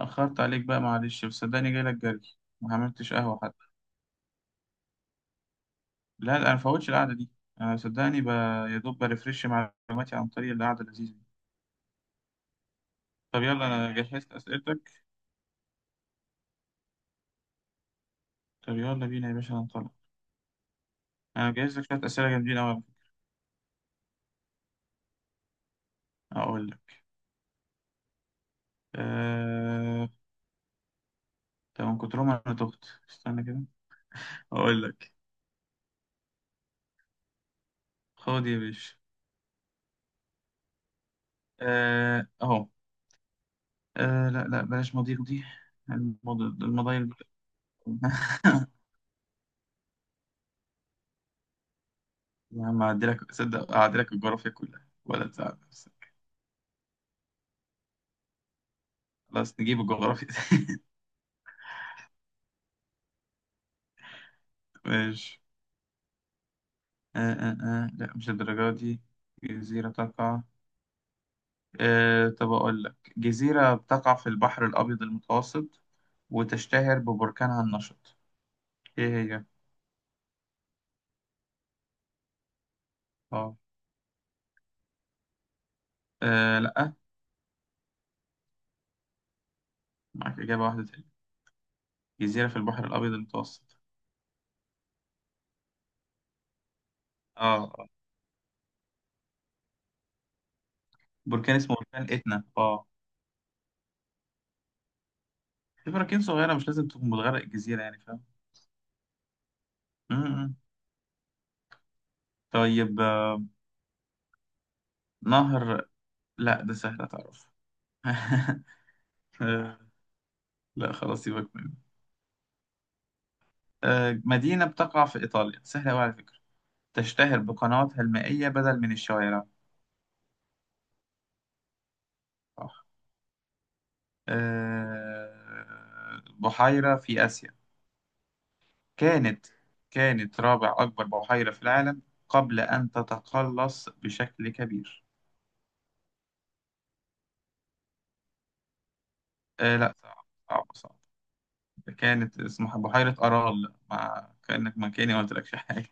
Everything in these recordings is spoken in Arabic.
أخرت عليك بقى، معلش، بس صدقني جاي لك جري ما عملتش قهوة حتى. لا، أنا مفوتش القعدة دي. أنا صدقني يا دوب بريفرش معلوماتي عن طريق القعدة اللذيذة دي. طب يلا، أنا جهزت أسئلتك. طب يلا بينا يا باشا هنطلع. أنا مجهز لك شوية أسئلة جامدين أوي على فكرة. أقول لك. أه... طب من كترهم أنا تهت، استنى كده أقول لك. خد يا باشا. أهو. لا، بلاش مضيق دي، المضايق. يا عم أعدلك، صدق أعدلك الجغرافيا كلها ولا تزعل. خلاص نجيب الجغرافيا. ماشي. لا مش الدرجة دي. جزيرة تقع، آه طب أقول لك جزيرة بتقع في البحر الأبيض المتوسط وتشتهر ببركانها النشط، إيه هي؟ آه لأ، معاك إجابة واحدة تانية. جزيرة في البحر الأبيض المتوسط. آه آه. بركان اسمه بركان إتنا، آه. في براكين صغيرة، مش لازم تكون بتغرق الجزيرة يعني، فاهم؟ م- م. طيب. نهر. لأ ده سهل، أتعرف؟ آه، لا خلاص سيبك منه. مدينة بتقع في إيطاليا، سهلة أوي على فكرة، تشتهر بقنواتها المائية بدل من الشوارع. صح. بحيرة في آسيا، كانت كانت رابع أكبر بحيرة في العالم قبل أن تتقلص بشكل كبير. لا صعب، صعب. كانت اسمها بحيرة أرال، مع كأنك ما كأني ما قلتلكش حاجة.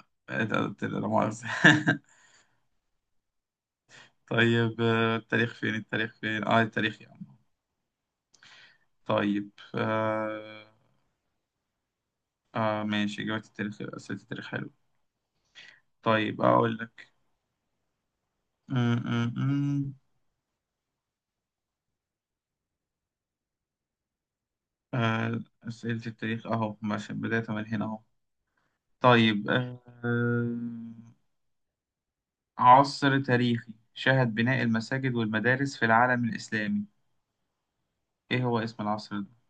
لا مؤاخذة. طيب. التاريخ فين، التاريخ فين، التاريخ يا عم. طيب آه، اه ماشي جوات التاريخ، أسئلة التاريخ حلو. طيب أقول لك. م- م- م. آه، أسئلة التاريخ أهو ماشي، بداية من هنا أهو. طيب. عصر تاريخي شهد بناء المساجد والمدارس في العالم الإسلامي، إيه هو اسم العصر ده؟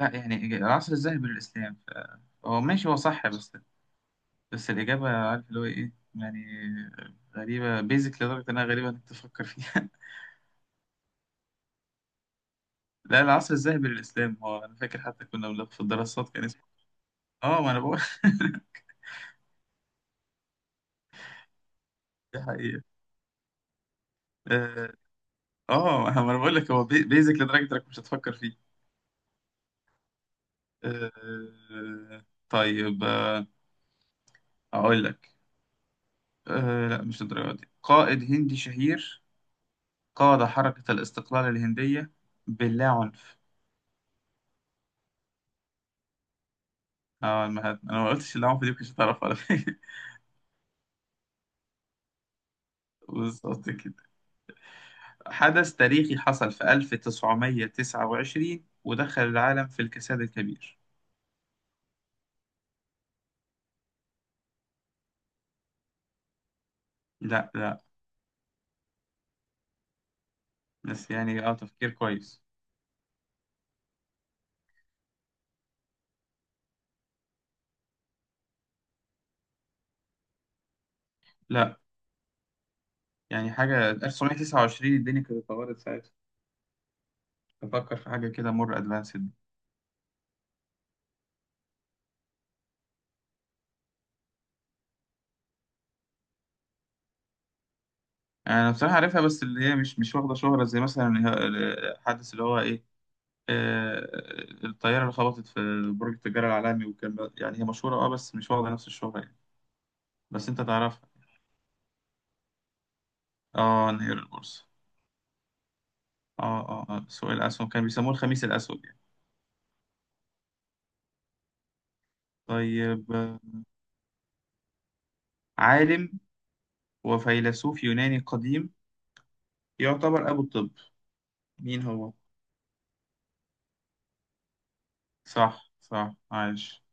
لا يعني العصر الذهبي للإسلام هو ماشي، هو صح بس. بس الإجابة عارف اللي هو إيه يعني. غريبة بيزك لدرجة إنها غريبة إنك تفكر فيها. لا العصر الذهبي للإسلام هو، أنا فاكر حتى كنا بناخد في الدراسات كان. اه ما انا بقول. دي حقيقة. اه. ما انا بقول لك هو بيزك لدرجة انك مش هتفكر فيه. آه طيب. اقول لك. آه لا مش الدرجة دي. قائد هندي شهير، قاد حركة الاستقلال الهندية باللا عنف. اه ما هت- انا ما قلتش العنف، دي مش هتعرف على فكرة. بالظبط كده. حدث تاريخي حصل في 1929 ودخل العالم في الكساد الكبير. لا، بس يعني اه، تفكير كويس. لا. يعني حاجة 1929 الدنيا كانت اتطورت ساعتها، تفكر في حاجة كده مور ادفانسد. أنا بصراحة عارفها، بس اللي هي مش واخدة شهرة زي مثلا الحادث اللي هو إيه، آه، الطيارة اللي خبطت في برج التجارة العالمي، يعني هي مشهورة أه بس مش واخدة نفس الشهرة يعني. بس أنت تعرفها. أه انهيار البورصة. أه أه آه، سوق الأسهم، كان بيسموه الخميس الأسود يعني. طيب. عالم وفيلسوف يوناني قديم، يعتبر أبو الطب، مين هو؟ صح صح، عايش.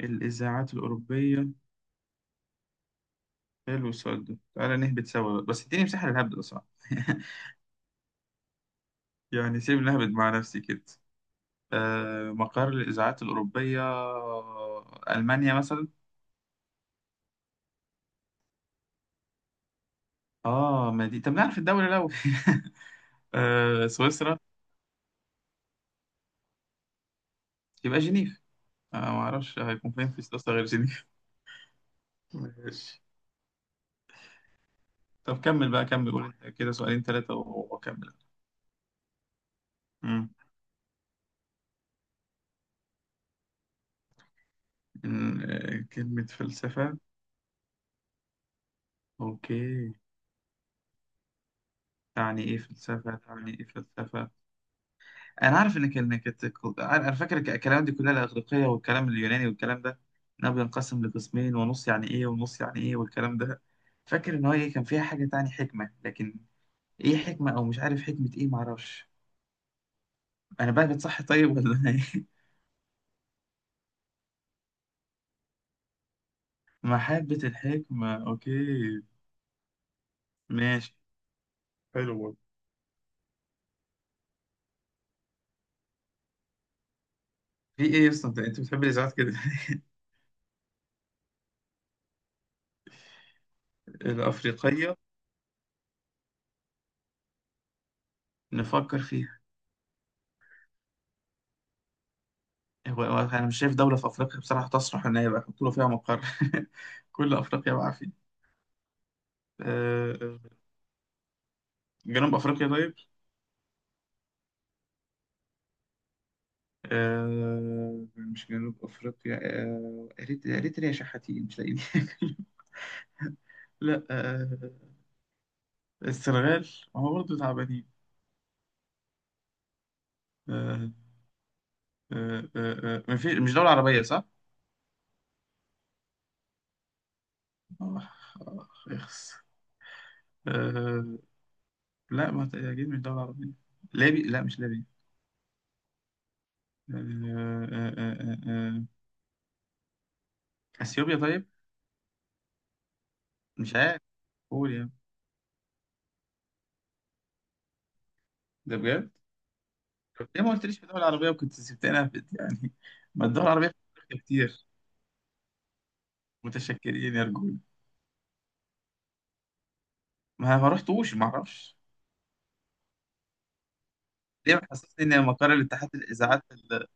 الإذاعات الأوروبية. حلو السؤال ده، تعالى نهبط سوا بس اديني مساحة للهبد أصلا. يعني سيبني أهبد مع نفسي كده. آه، مقر الإذاعات الأوروبية، ألمانيا مثلا. آه ما دي، طب نعرف الدولة لو. آه سويسرا. يبقى جنيف. آه ما أعرفش هيكون فين في سويسرا غير جنيف. ماشي. طب كمل بقى، كمل قول أنت كده سؤالين ثلاثة وأكمل. مم. كلمة فلسفة. أوكي. تعني إيه فلسفة، تعني إيه فلسفة. انا عارف ان كانت، انا فاكر الكلام دي كلها، الاغريقيه والكلام اليوناني والكلام ده، انها بينقسم لقسمين ونص يعني ايه، ونص يعني ايه، والكلام ده. فاكر ان هو ايه، كان فيها حاجه تاني حكمه، لكن ايه حكمه او مش عارف حكمه ايه، معرفش. انا بقى بتصحي طيب ولا أنا ايه. محبه الحكمه، اوكي. ماشي. حلو والله. في ايه اصلا انت، أنت بتحب الاذاعات كده. الافريقيه، نفكر فيها. هو انا مش شايف دوله في افريقيا بصراحه تصلح ان هي يبقى يحطوا له فيها مقر. كل افريقيا بقى. آه، جنوب أفريقيا طيب. مش جنوب أفريقيا. أريتريا شحاتين مش لاقيين. لا. السنغال. ما هو برضه تعبانين. آه، آه، آه، مش دولة عربية صح؟ آخ، آخ، إخس. آه، لا ما تأكيد مش دولة عربية. ليبي، لا مش ليبي. آه، آه، آه، آه، آه. آه. أثيوبيا طيب. مش عارف، قول يعني. ده بجد؟ طب ليه ما قلتليش في الدول العربية، وكنت سبتنا يعني. ما الدول العربية في أفريقيا كتير. متشكلين يا رجولة. ما رحتوش ما اعرفش. ليه محسسني ان مقر الاتحاد الاذاعات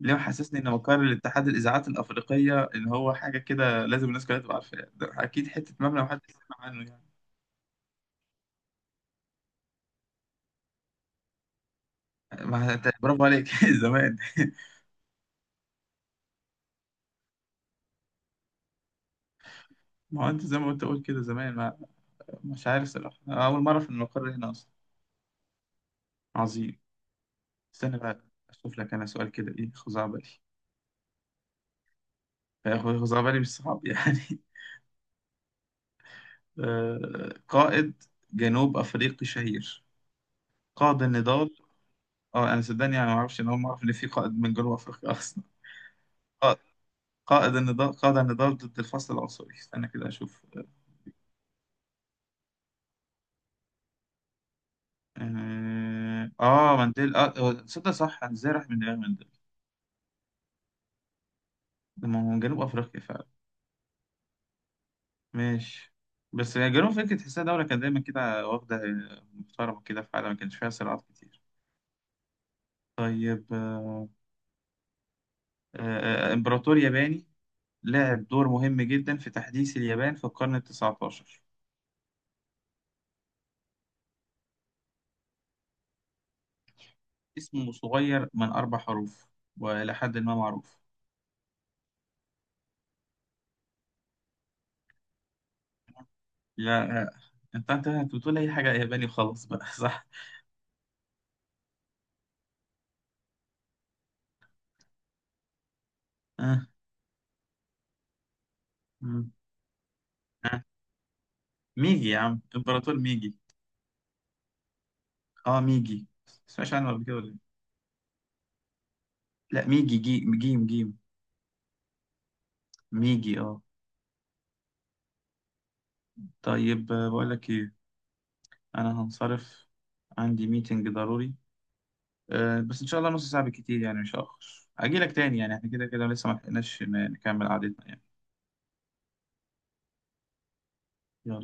ليه محسسني ان مقر الاتحاد الاذاعات الافريقيه ان هو حاجه كده لازم الناس كلها تبقى عارفاها، ده اكيد حته مبنى محدش سمع عنه يعني. ما انت برافو عليك. زمان. ما هو انت زي ما انت قلت كده زمان، ما مش عارف صراحه، أنا اول مره اعرف ان المقر هنا اصلا. عظيم. استنى بقى، اشوف لك انا سؤال كده ايه خزعبلي، خزعبلي مش صعب يعني. قائد جنوب أفريقي شهير قاد النضال. اه أنا صدقني يعني ما أعرفش، أنا أول ما أعرف إن في قائد من جنوب أفريقيا أصلا. قائد قائد النضال، قاد النضال ضد الفصل العنصري، استنى كده أشوف. مانديلا. آه هو تصدق صح أنا إزاي راح من دماغي مانديلا. ده ما هو من جنوب أفريقيا فعلا. ماشي. بس يا جنوب أفريقيا تحسها دولة كانت دايما كده واخدة، محترمة كده في حالها، ما كانش فيها صراعات كتير. طيب. إمبراطور ياباني لعب دور مهم جدا في تحديث اليابان في القرن التاسع عشر، اسمه صغير من أربع حروف وإلى حد ما معروف. لا. أنت بتقول أي حاجة ياباني وخلاص بقى. صح. آه. مم. آه. ميجي يا عم، إمبراطور ميجي. أه ميجي، تسمعش عنه قبل كده ولا إيه؟ لا ميجي، جي، جيم جيم. ميجي أه. طيب. بقول لك إيه، أنا هنصرف، عندي ميتنج ضروري. بس ان شاء الله نص ساعة بالكتير يعني، مش هأخر اجي لك تاني، يعني احنا كده كده لسه ما لحقناش نكمل قعدتنا يعني. يلا.